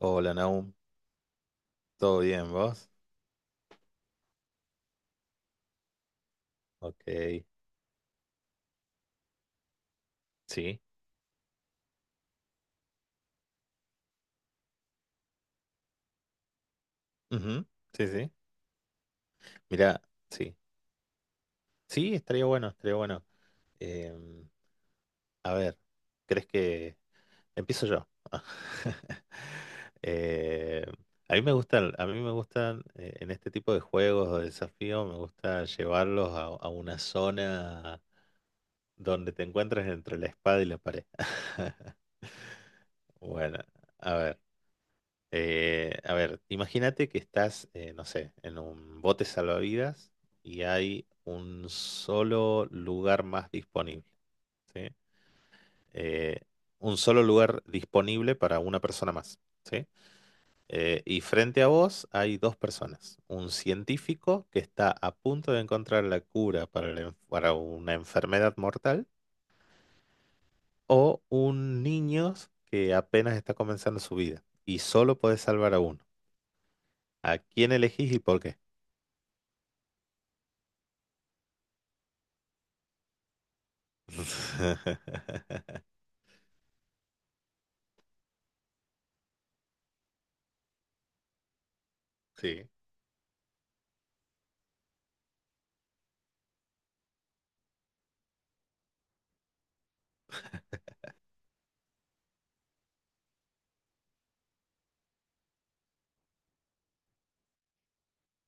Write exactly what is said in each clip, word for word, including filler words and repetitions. Hola, Naum. ¿Todo bien, vos? Ok. Sí. Ujú. Sí, sí. Mirá, sí. Sí, estaría bueno, estaría bueno. Em, a ver, ¿crees que empiezo yo? Eh, a mí me gustan, a mí me gustan eh, en este tipo de juegos o desafíos, me gusta llevarlos a, a una zona donde te encuentres entre la espada y la pared. Bueno, a ver. Eh, a ver, imagínate que estás, eh, no sé, en un bote salvavidas y hay un solo lugar más disponible, ¿sí? Eh, un solo lugar disponible para una persona más, ¿sí? Eh, y frente a vos hay dos personas, un científico que está a punto de encontrar la cura para, la en- para una enfermedad mortal, o un niño que apenas está comenzando su vida, y solo podés salvar a uno. ¿A quién elegís y por qué? Sí,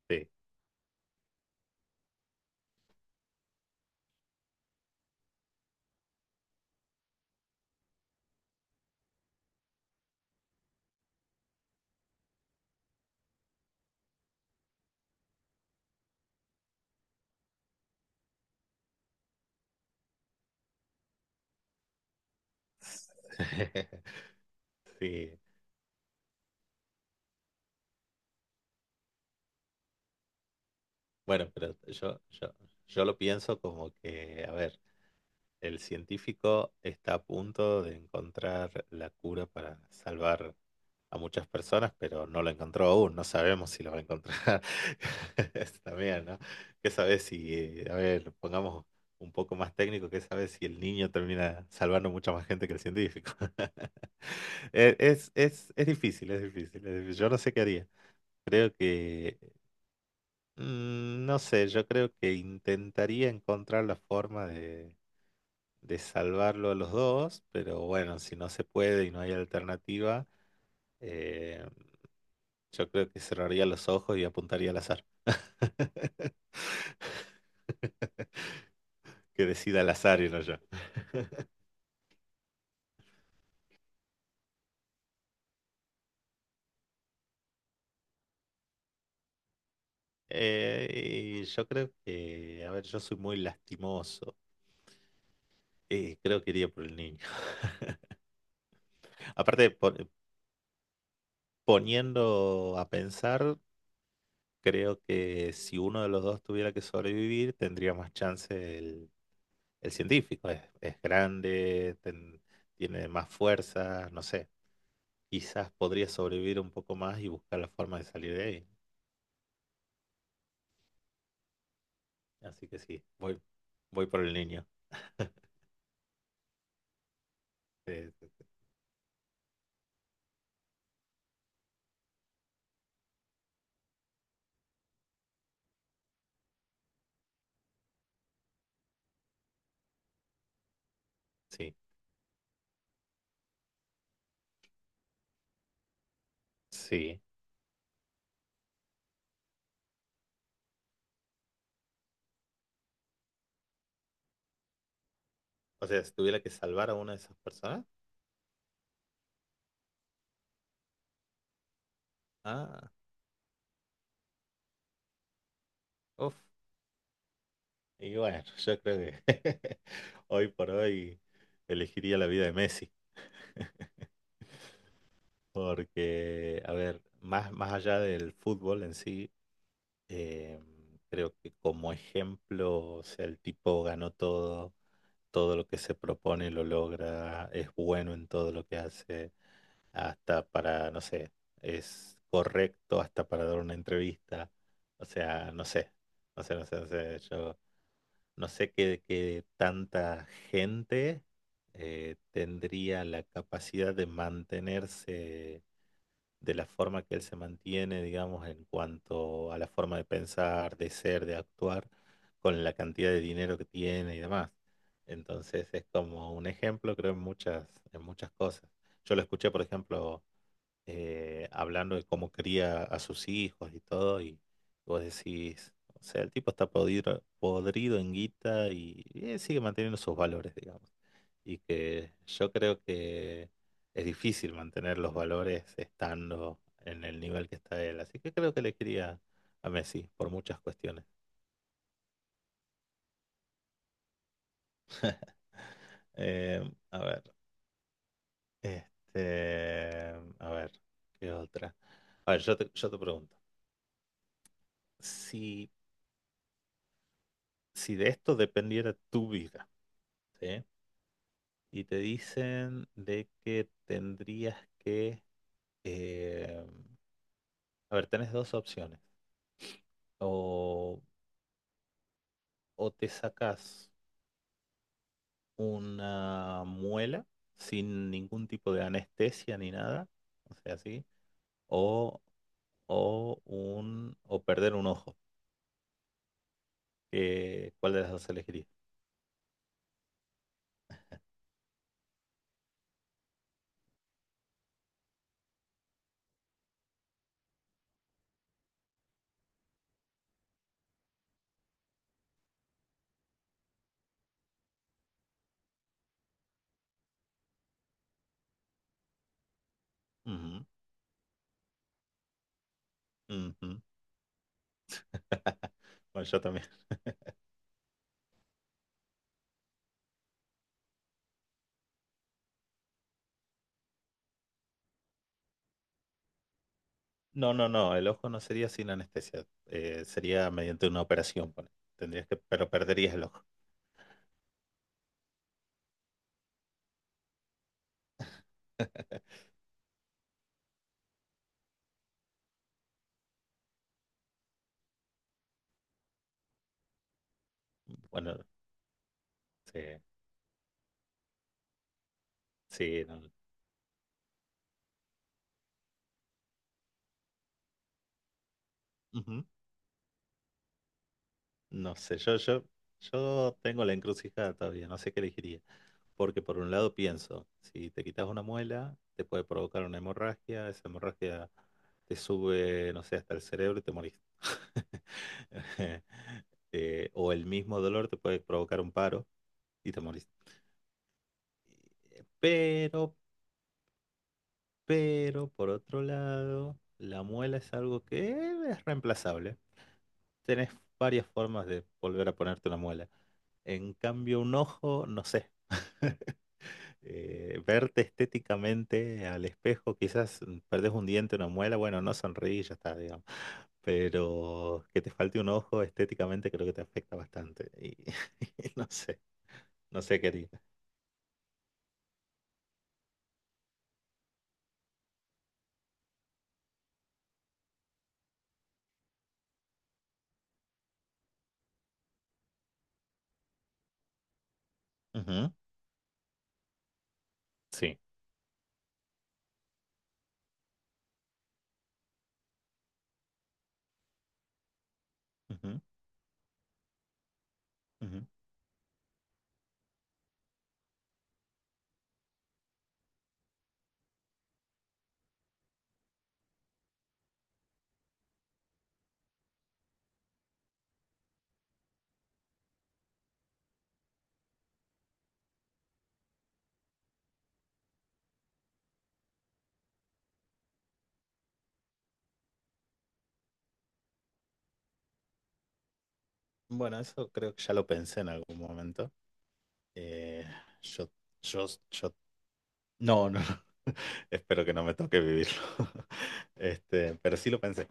sí, sí. Bueno, pero yo, yo, yo lo pienso como que, a ver, el científico está a punto de encontrar la cura para salvar a muchas personas, pero no lo encontró aún, no sabemos si lo va a encontrar. Eso también, ¿no? ¿Qué sabes si, eh, a ver, pongamos un poco más técnico, qué sabes si el niño termina salvando mucha más gente que el científico? Es, es, es, es difícil, es difícil, es difícil. Yo no sé qué haría. Creo que, mm, no sé, yo creo que intentaría encontrar la forma de, de salvarlo a los dos, pero bueno, si no se puede y no hay alternativa, eh, yo creo que cerraría los ojos y apuntaría al azar, que decida al azar y no yo. Eh, y yo creo que, a ver, yo soy muy lastimoso, eh, creo que iría por el niño. Aparte, po- poniendo a pensar, creo que si uno de los dos tuviera que sobrevivir, tendría más chance. El científico es, es grande, ten- tiene más fuerza, no sé. Quizás podría sobrevivir un poco más y buscar la forma de salir de ahí. Así que sí, voy, voy por el niño. Eh, sí, sí. O sea, si tuviera que salvar a una de esas personas. Ah, uff. Y bueno, yo creo que hoy por hoy elegiría la vida de Messi. Porque, a ver, más, más allá del fútbol en sí, Eh, creo que como ejemplo, o sea, el tipo ganó todo, todo lo que se propone lo logra, es bueno en todo lo que hace, hasta para, no sé, es correcto hasta para dar una entrevista. O sea, no sé, no sé, no sé, no sé, yo no sé qué, qué tanta gente eh, tendría la capacidad de mantenerse de la forma que él se mantiene, digamos, en cuanto a la forma de pensar, de ser, de actuar, con la cantidad de dinero que tiene y demás. Entonces es como un ejemplo, creo, en muchas, en muchas cosas. Yo lo escuché, por ejemplo, eh, hablando de cómo cría a sus hijos y todo, y vos decís, o sea, el tipo está podrido, podrido en guita y, eh, sigue manteniendo sus valores, digamos. Y que yo creo que es difícil mantener los valores estando en el nivel que está él. Así que creo que le quería a Messi por muchas cuestiones. Eh, a ver, este, a ver, ¿qué otra? A ver, yo te, yo te pregunto, si, si de esto dependiera tu vida, ¿sí? Y te dicen de que tendrías que, eh, a ver, tenés dos opciones. O, o te sacas una muela sin ningún tipo de anestesia ni nada, o sea, así, o, o, un, o perder un ojo. Eh, ¿cuál de las dos elegirías? Ujú, ujú. Bueno, yo también. No, no, no, el ojo no sería sin anestesia, eh, sería mediante una operación, pone. Tendrías que, pero perderías el ojo. Bueno, sí, sí, no, ujú, no sé, yo, yo, yo tengo la encrucijada todavía, no sé qué elegiría, porque por un lado pienso, si te quitas una muela, te puede provocar una hemorragia, esa hemorragia te sube, no sé, hasta el cerebro y te morís. Eh, o el mismo dolor te puede provocar un paro y te morís. Pero, pero, por otro lado, la muela es algo que es reemplazable. Tenés varias formas de volver a ponerte una muela. En cambio, un ojo, no sé. Eh, verte estéticamente al espejo, quizás perdés un diente, una muela, bueno, no sonríes, ya está, digamos. Pero que te falte un ojo estéticamente creo que te afecta bastante. Y, y no sé, no sé qué haría. Ujú. Sí. Ujú, ujú. Bueno, eso creo que ya lo pensé en algún momento. Eh, yo, yo, yo, no, no. Espero que no me toque vivirlo. Este, pero sí lo pensé.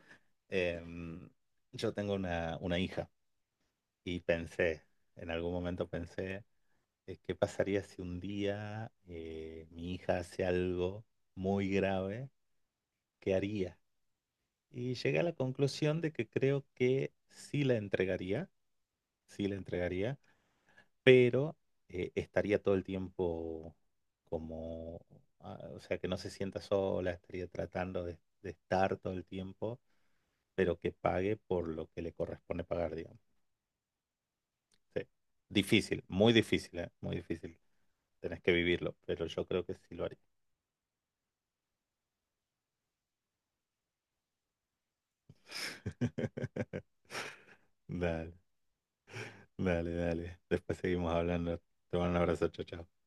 Em, yo tengo una, una hija y pensé, en algún momento pensé, eh, ¿qué pasaría si un día eh, mi hija hace algo muy grave? ¿Qué haría? Y llegué a la conclusión de que creo que sí la entregaría, sí la entregaría, pero eh, estaría todo el tiempo como, ah, o sea, que no se sienta sola, estaría tratando de, de estar todo el tiempo, pero que pague por lo que le corresponde pagar, digamos. Sí. Difícil, muy difícil, ¿eh? Muy difícil. Tenés que vivirlo, pero yo creo que sí lo haría. Dale, dale, dale. Después seguimos hablando. Te mando un abrazo, chao, chao.